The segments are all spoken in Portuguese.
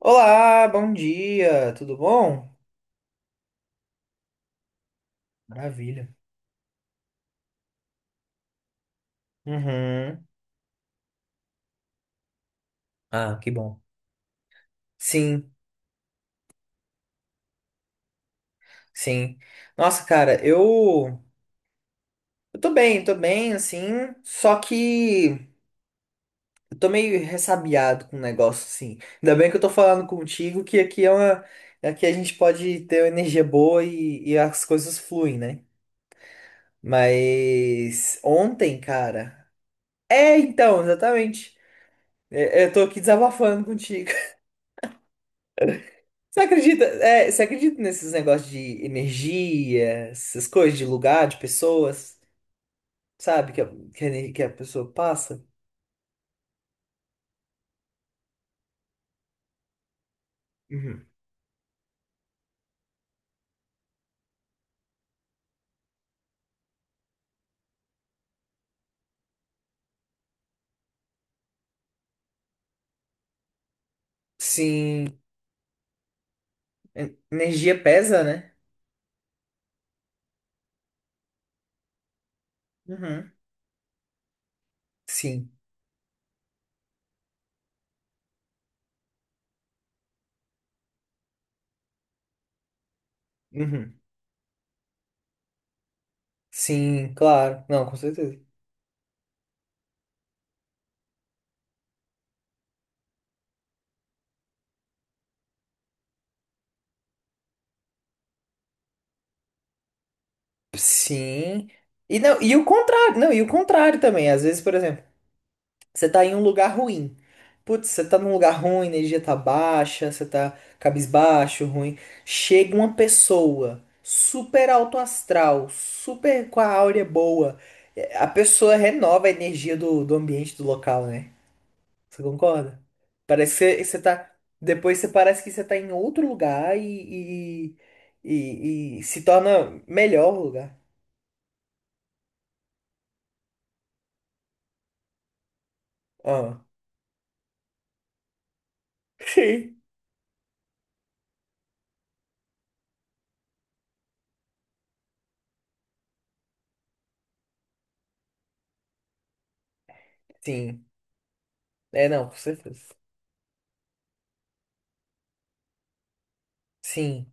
Olá, bom dia, tudo bom? Maravilha. Uhum. Ah, que bom. Sim, sim. Nossa, cara, eu tô bem, assim, só que eu tô meio ressabiado com o negócio, assim. Ainda bem que eu tô falando contigo que aqui a gente pode ter uma energia boa e as coisas fluem, né? Mas ontem, cara. É, então, exatamente. Eu tô aqui desabafando contigo. Você acredita nesses negócios de energia, essas coisas de lugar, de pessoas, sabe? Que a pessoa passa? Uhum. Sim, energia pesa, né? Uhum. Sim. Uhum. Sim, claro. Não, com certeza. Sim. E, não, e o contrário, não, e o contrário também. Às vezes, por exemplo. Você tá em um lugar ruim. Putz, você tá num lugar ruim, a energia tá baixa, você tá cabisbaixo, ruim. Chega uma pessoa super alto astral, super com a áurea boa. É, a pessoa renova a energia do, do ambiente, do local, né? Você concorda? Parece que você tá. Depois você parece que você tá em outro lugar e se torna melhor o lugar. Ah. Sim. Sim. É, não, com certeza. Sim.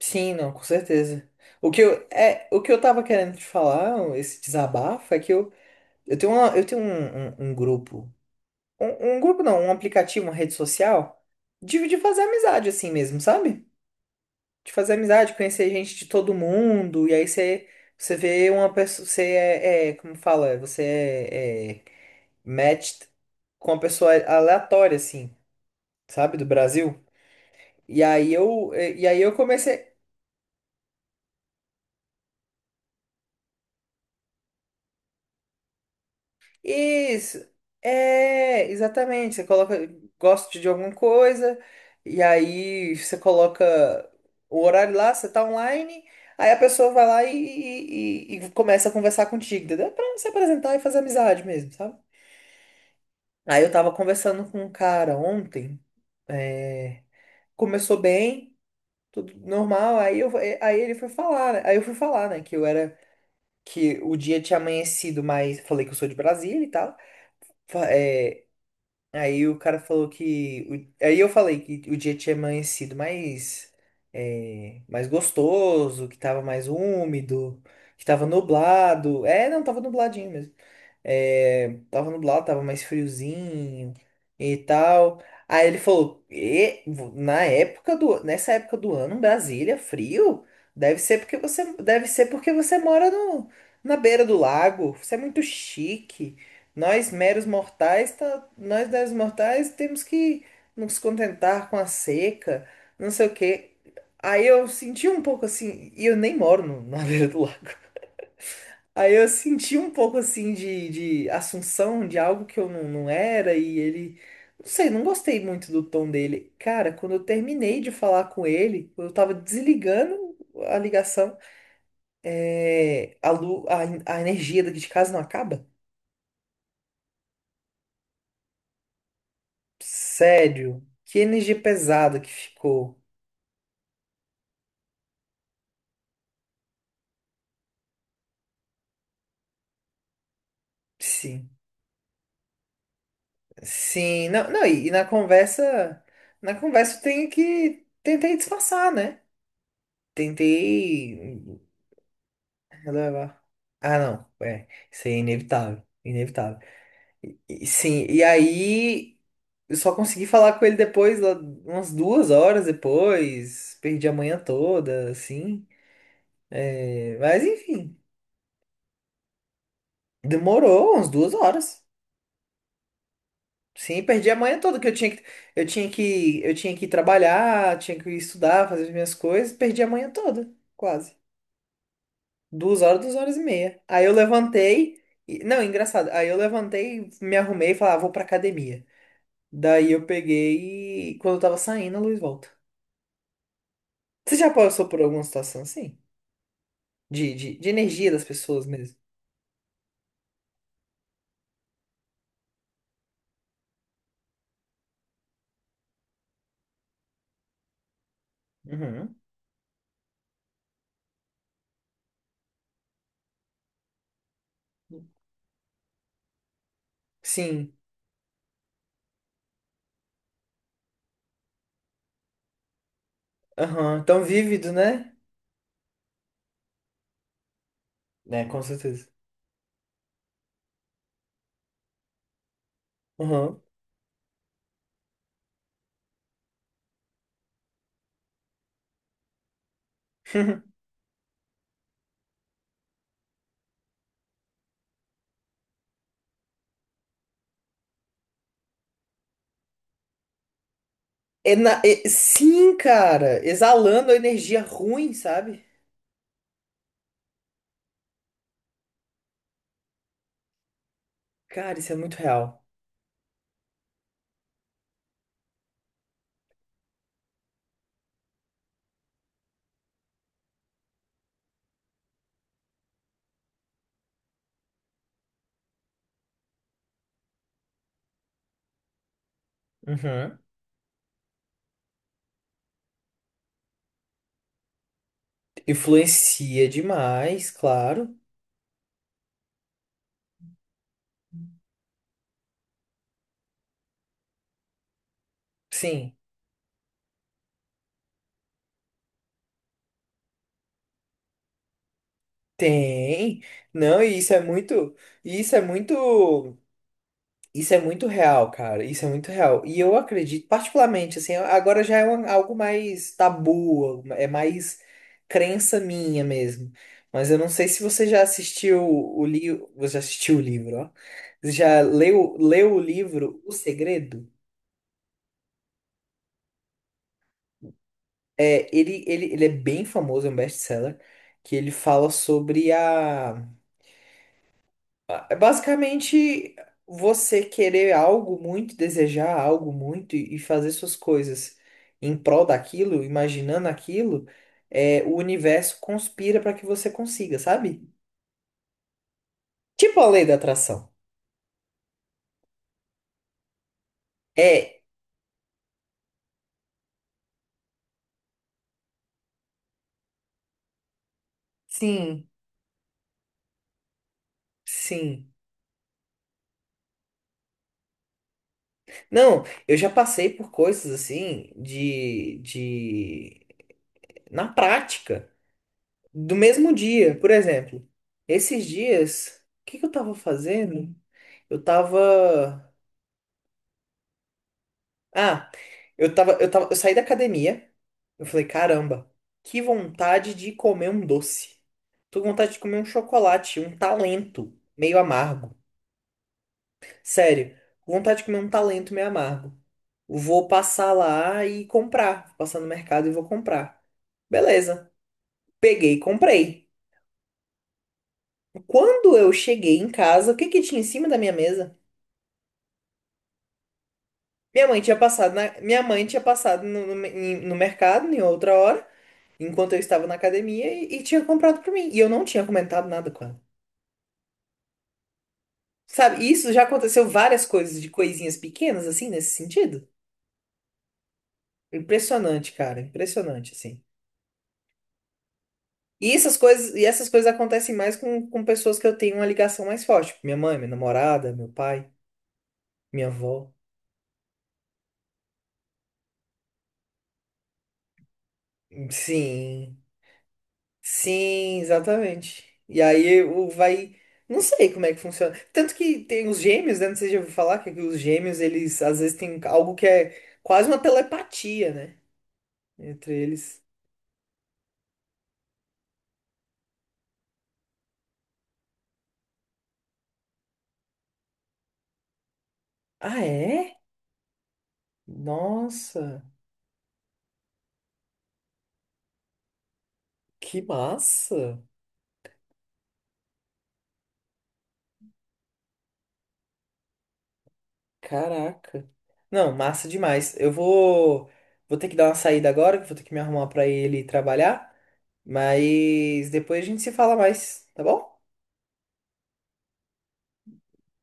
Sim, não, com certeza. O que eu tava querendo te falar, esse desabafo, é que eu tenho um grupo. Um grupo não, um aplicativo, uma rede social, de fazer amizade assim mesmo, sabe? De fazer amizade, conhecer gente de todo mundo, e aí você vê uma pessoa, você é, é, como fala, é, você é, é matched com uma pessoa aleatória, assim, sabe, do Brasil. E aí eu comecei. Isso, é, exatamente. Você coloca, gosta de alguma coisa, e aí você coloca o horário lá, você tá online, aí a pessoa vai lá e começa a conversar contigo, entendeu? Pra se apresentar e fazer amizade mesmo, sabe? Aí eu tava conversando com um cara ontem, é, começou bem, tudo normal, aí ele foi falar, né? Aí eu fui falar, né, que o dia tinha amanhecido, mas falei que eu sou de Brasília e tal. Aí o cara falou que. Aí eu falei que o dia tinha amanhecido mais. Mais gostoso, que tava mais úmido, que tava nublado. É, não, tava nubladinho mesmo. É, tava nublado, tava mais friozinho e tal. Aí ele falou, na época nessa época do ano, Brasília, frio, deve ser porque você mora no, na beira do lago. Você é muito chique. Nós meros mortais temos que nos contentar com a seca, não sei o quê. Aí eu senti um pouco assim, e eu nem moro na beira do lago. Aí eu senti um pouco assim de assunção de algo que eu não, não era, e ele. Não sei, não gostei muito do tom dele. Cara, quando eu terminei de falar com ele, eu tava desligando a ligação, é, a, lu, a, a energia daqui de casa não acaba? Sério? Que energia pesada que ficou. Sim, sim. Não, não, e na conversa. Na conversa eu tenho que. Tentei disfarçar, né? Tentei. Relevar. Ah, não. É, isso aí é inevitável. Inevitável. Sim, e aí eu só consegui falar com ele depois, lá umas 2 horas depois. Perdi a manhã toda, assim. É, mas enfim, demorou umas 2 horas. Sim, perdi a manhã toda, que eu tinha que, eu tinha que, eu tinha que ir trabalhar, tinha que estudar, fazer as minhas coisas. Perdi a manhã toda, quase. 2 horas, 2 horas e meia. Aí eu levantei. Não, engraçado. Aí eu levantei, me arrumei e falei, ah, vou pra academia. Daí eu peguei e quando eu tava saindo, a luz volta. Você já passou por alguma situação assim? De energia das pessoas mesmo? Uhum. Sim. Aham. Tão vívido, né? Né, com certeza. Uhum. Sim, cara. Exalando a energia ruim, sabe? Cara, isso é muito real. Uhum. Influencia demais, claro. Sim. Tem. Não, e isso é muito. Isso é muito. Isso é muito real, cara. Isso é muito real. E eu acredito, particularmente, assim, agora já é algo mais tabu, é mais crença minha mesmo. Mas eu não sei se você já assistiu o livro. Você já assistiu o livro, ó. Você já leu o livro O Segredo? É, ele é bem famoso, é um best-seller, que ele fala sobre a. Ah, é basicamente você querer algo muito, desejar algo muito e fazer suas coisas em prol daquilo, imaginando aquilo, é, o universo conspira para que você consiga, sabe? Tipo a lei da atração. É, sim, sim. Não, eu já passei por coisas assim de na prática, do mesmo dia, por exemplo. Esses dias, o que que eu tava fazendo? Eu tava. Ah, eu saí da academia. Eu falei, caramba, que vontade de comer um doce. Tô com vontade de comer um chocolate, um talento meio amargo. Sério, com vontade de comer um talento meio amargo. Vou passar lá e comprar. Vou passar no mercado e vou comprar. Beleza. Peguei e comprei. Quando eu cheguei em casa, o que que tinha em cima da minha mesa? Minha mãe tinha passado na, minha mãe tinha passado no, no, em- no mercado em outra hora, enquanto eu estava na academia e tinha comprado pra mim. E eu não tinha comentado nada com ela. Sabe, e isso já aconteceu várias coisas de coisinhas pequenas, assim, nesse sentido. Impressionante, cara, impressionante, assim. E essas coisas acontecem mais com pessoas que eu tenho uma ligação mais forte, tipo minha mãe, minha namorada, meu pai, minha avó. Sim, sim, exatamente. E aí o vai. Não sei como é que funciona. Tanto que tem os gêmeos, né? Não sei se já ouviu falar que os gêmeos, eles às vezes têm algo que é quase uma telepatia, né? Entre eles. Ah, é? Nossa, que massa! Caraca. Não, massa demais. Eu vou. Vou ter que dar uma saída agora, que eu vou ter que me arrumar pra ele trabalhar. Mas depois a gente se fala mais, tá bom?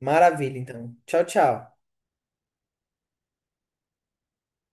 Maravilha, então. Tchau, tchau.